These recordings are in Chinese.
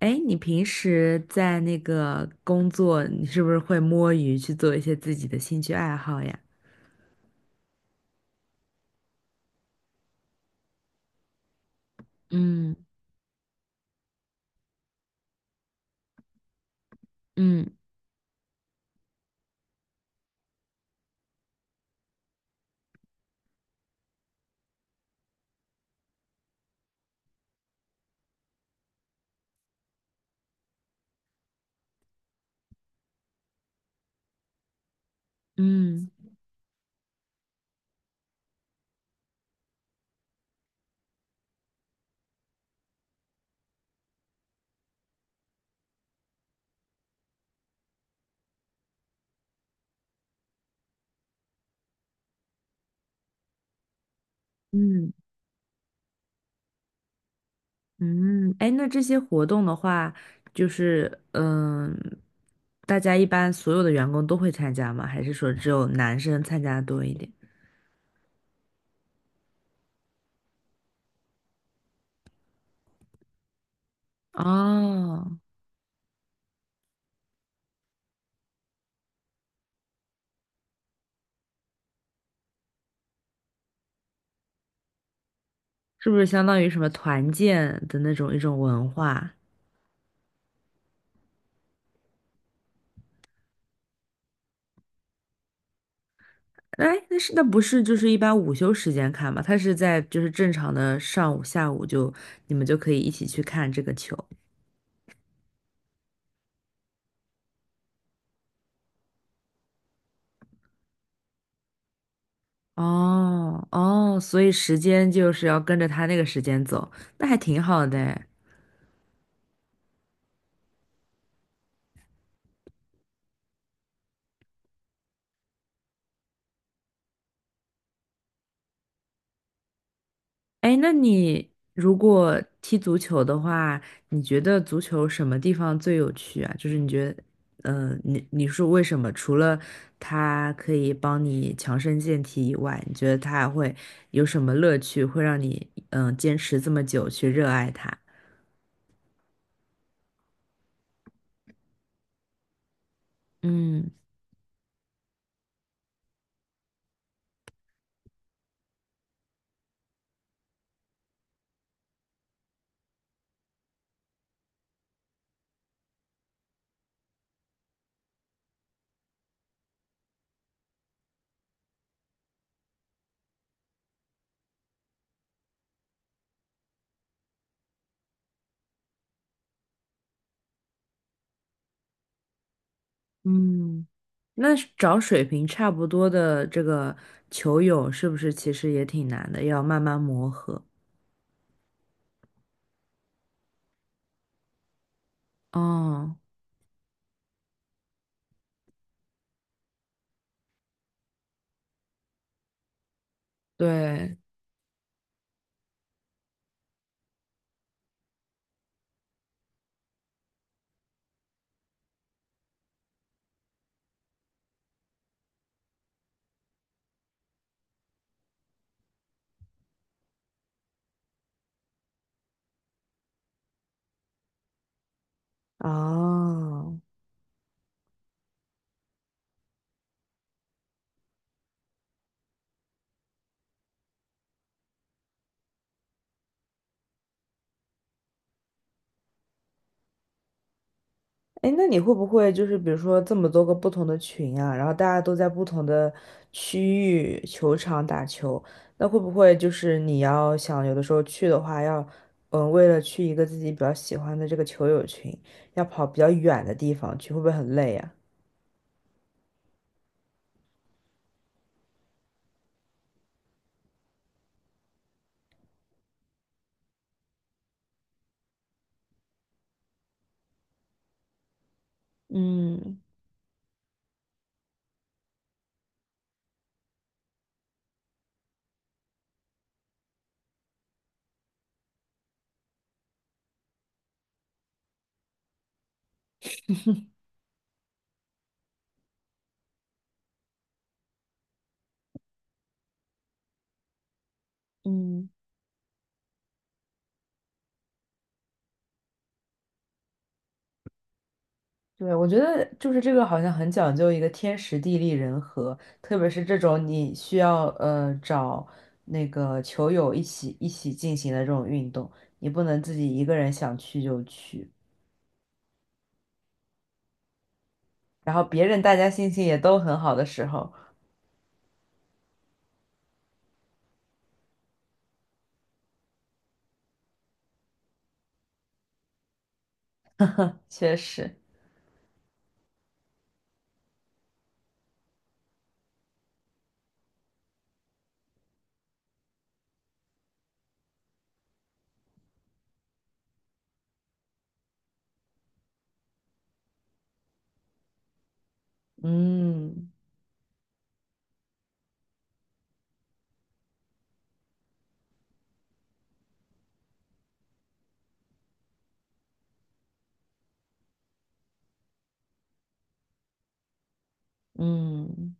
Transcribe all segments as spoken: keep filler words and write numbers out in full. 哎，你平时在那个工作，你是不是会摸鱼去做一些自己的兴趣爱好呀？嗯，嗯，嗯，嗯，嗯。哎，那这些活动的话，就是嗯，大家一般所有的员工都会参加吗？还是说只有男生参加的多一点？哦，是不是相当于什么团建的那种一种文化？哎，那是那不是就是一般午休时间看嘛？他是在就是正常的上午、下午就你们就可以一起去看这个球。哦哦，所以时间就是要跟着他那个时间走，那还挺好的诶。哎，那你如果踢足球的话，你觉得足球什么地方最有趣啊？就是你觉得，嗯、你你说为什么？除了它可以帮你强身健体以外，你觉得它还会有什么乐趣，会让你嗯、呃坚持这么久去热爱它？嗯，嗯，那是找水平差不多的这个球友，是不是其实也挺难的，要慢慢磨合？哦，对，哦。哎，那你会不会就是比如说这么多个不同的群啊，然后大家都在不同的区域球场打球，那会不会就是你要想有的时候去的话要，嗯，为了去一个自己比较喜欢的这个球友群，要跑比较远的地方去，会不会很累呀？嗯，嗯。对，我觉得就是这个好像很讲究一个天时地利人和，特别是这种你需要呃找那个球友一起一起进行的这种运动，你不能自己一个人想去就去，然后别人大家心情也都很好的时候，确实，嗯，嗯，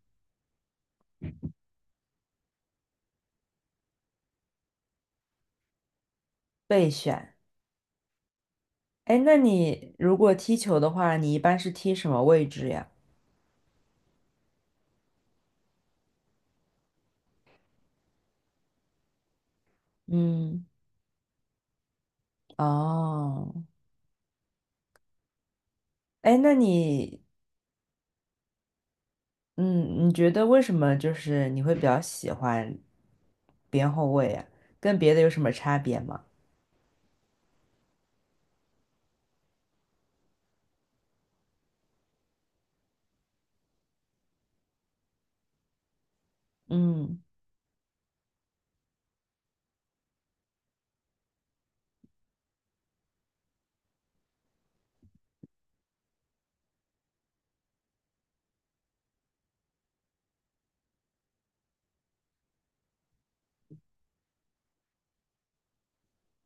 备选。哎，那你如果踢球的话，你一般是踢什么位置呀？嗯，哦。哎，那你嗯，你觉得为什么就是你会比较喜欢边后卫啊？跟别的有什么差别吗？嗯，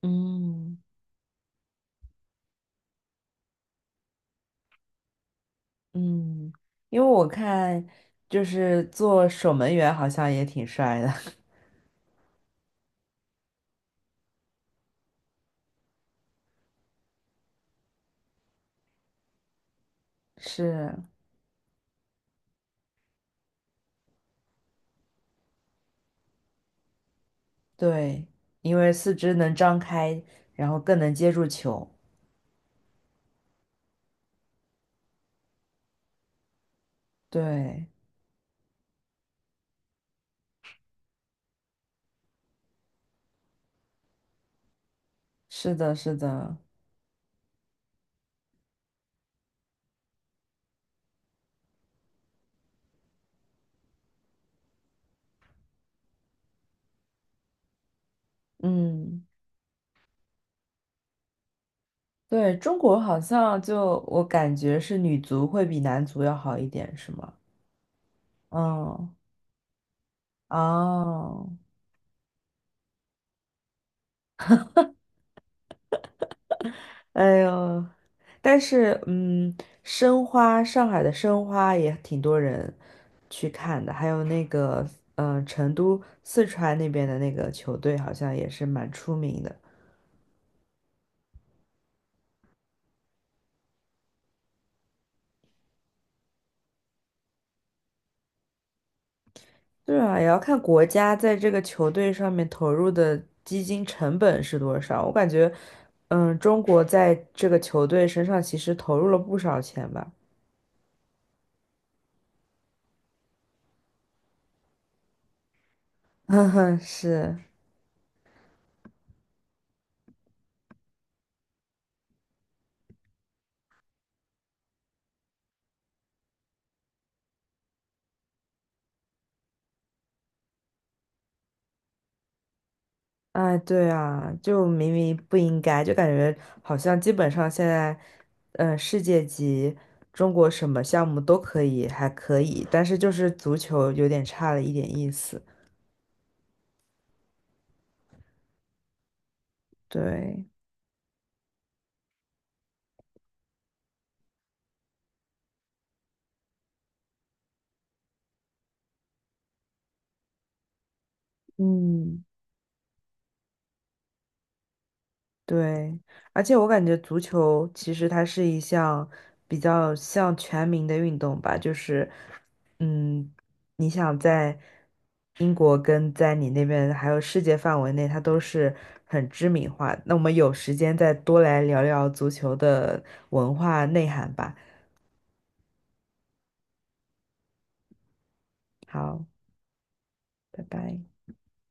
嗯，嗯，因为我看就是做守门员好像也挺帅的，是，对，因为四肢能张开，然后更能接住球。对，是的，是的，嗯，对，中国好像就我感觉是女足会比男足要好一点，是吗？嗯。哦，哎呦。但是嗯，申花，上海的申花也挺多人去看的，还有那个嗯、呃成都四川那边的那个球队好像也是蛮出名的。对啊，也要看国家在这个球队上面投入的基金成本是多少。我感觉，嗯，中国在这个球队身上其实投入了不少钱吧。嗯，是。哎，对啊，就明明不应该，就感觉好像基本上现在，嗯、世界级中国什么项目都可以，还可以，但是就是足球有点差了一点意思。对，嗯。对，而且我感觉足球其实它是一项比较像全民的运动吧，就是，嗯，你想在英国跟在你那边还有世界范围内，它都是很知名化。那我们有时间再多来聊聊足球的文化内涵吧。好，拜拜。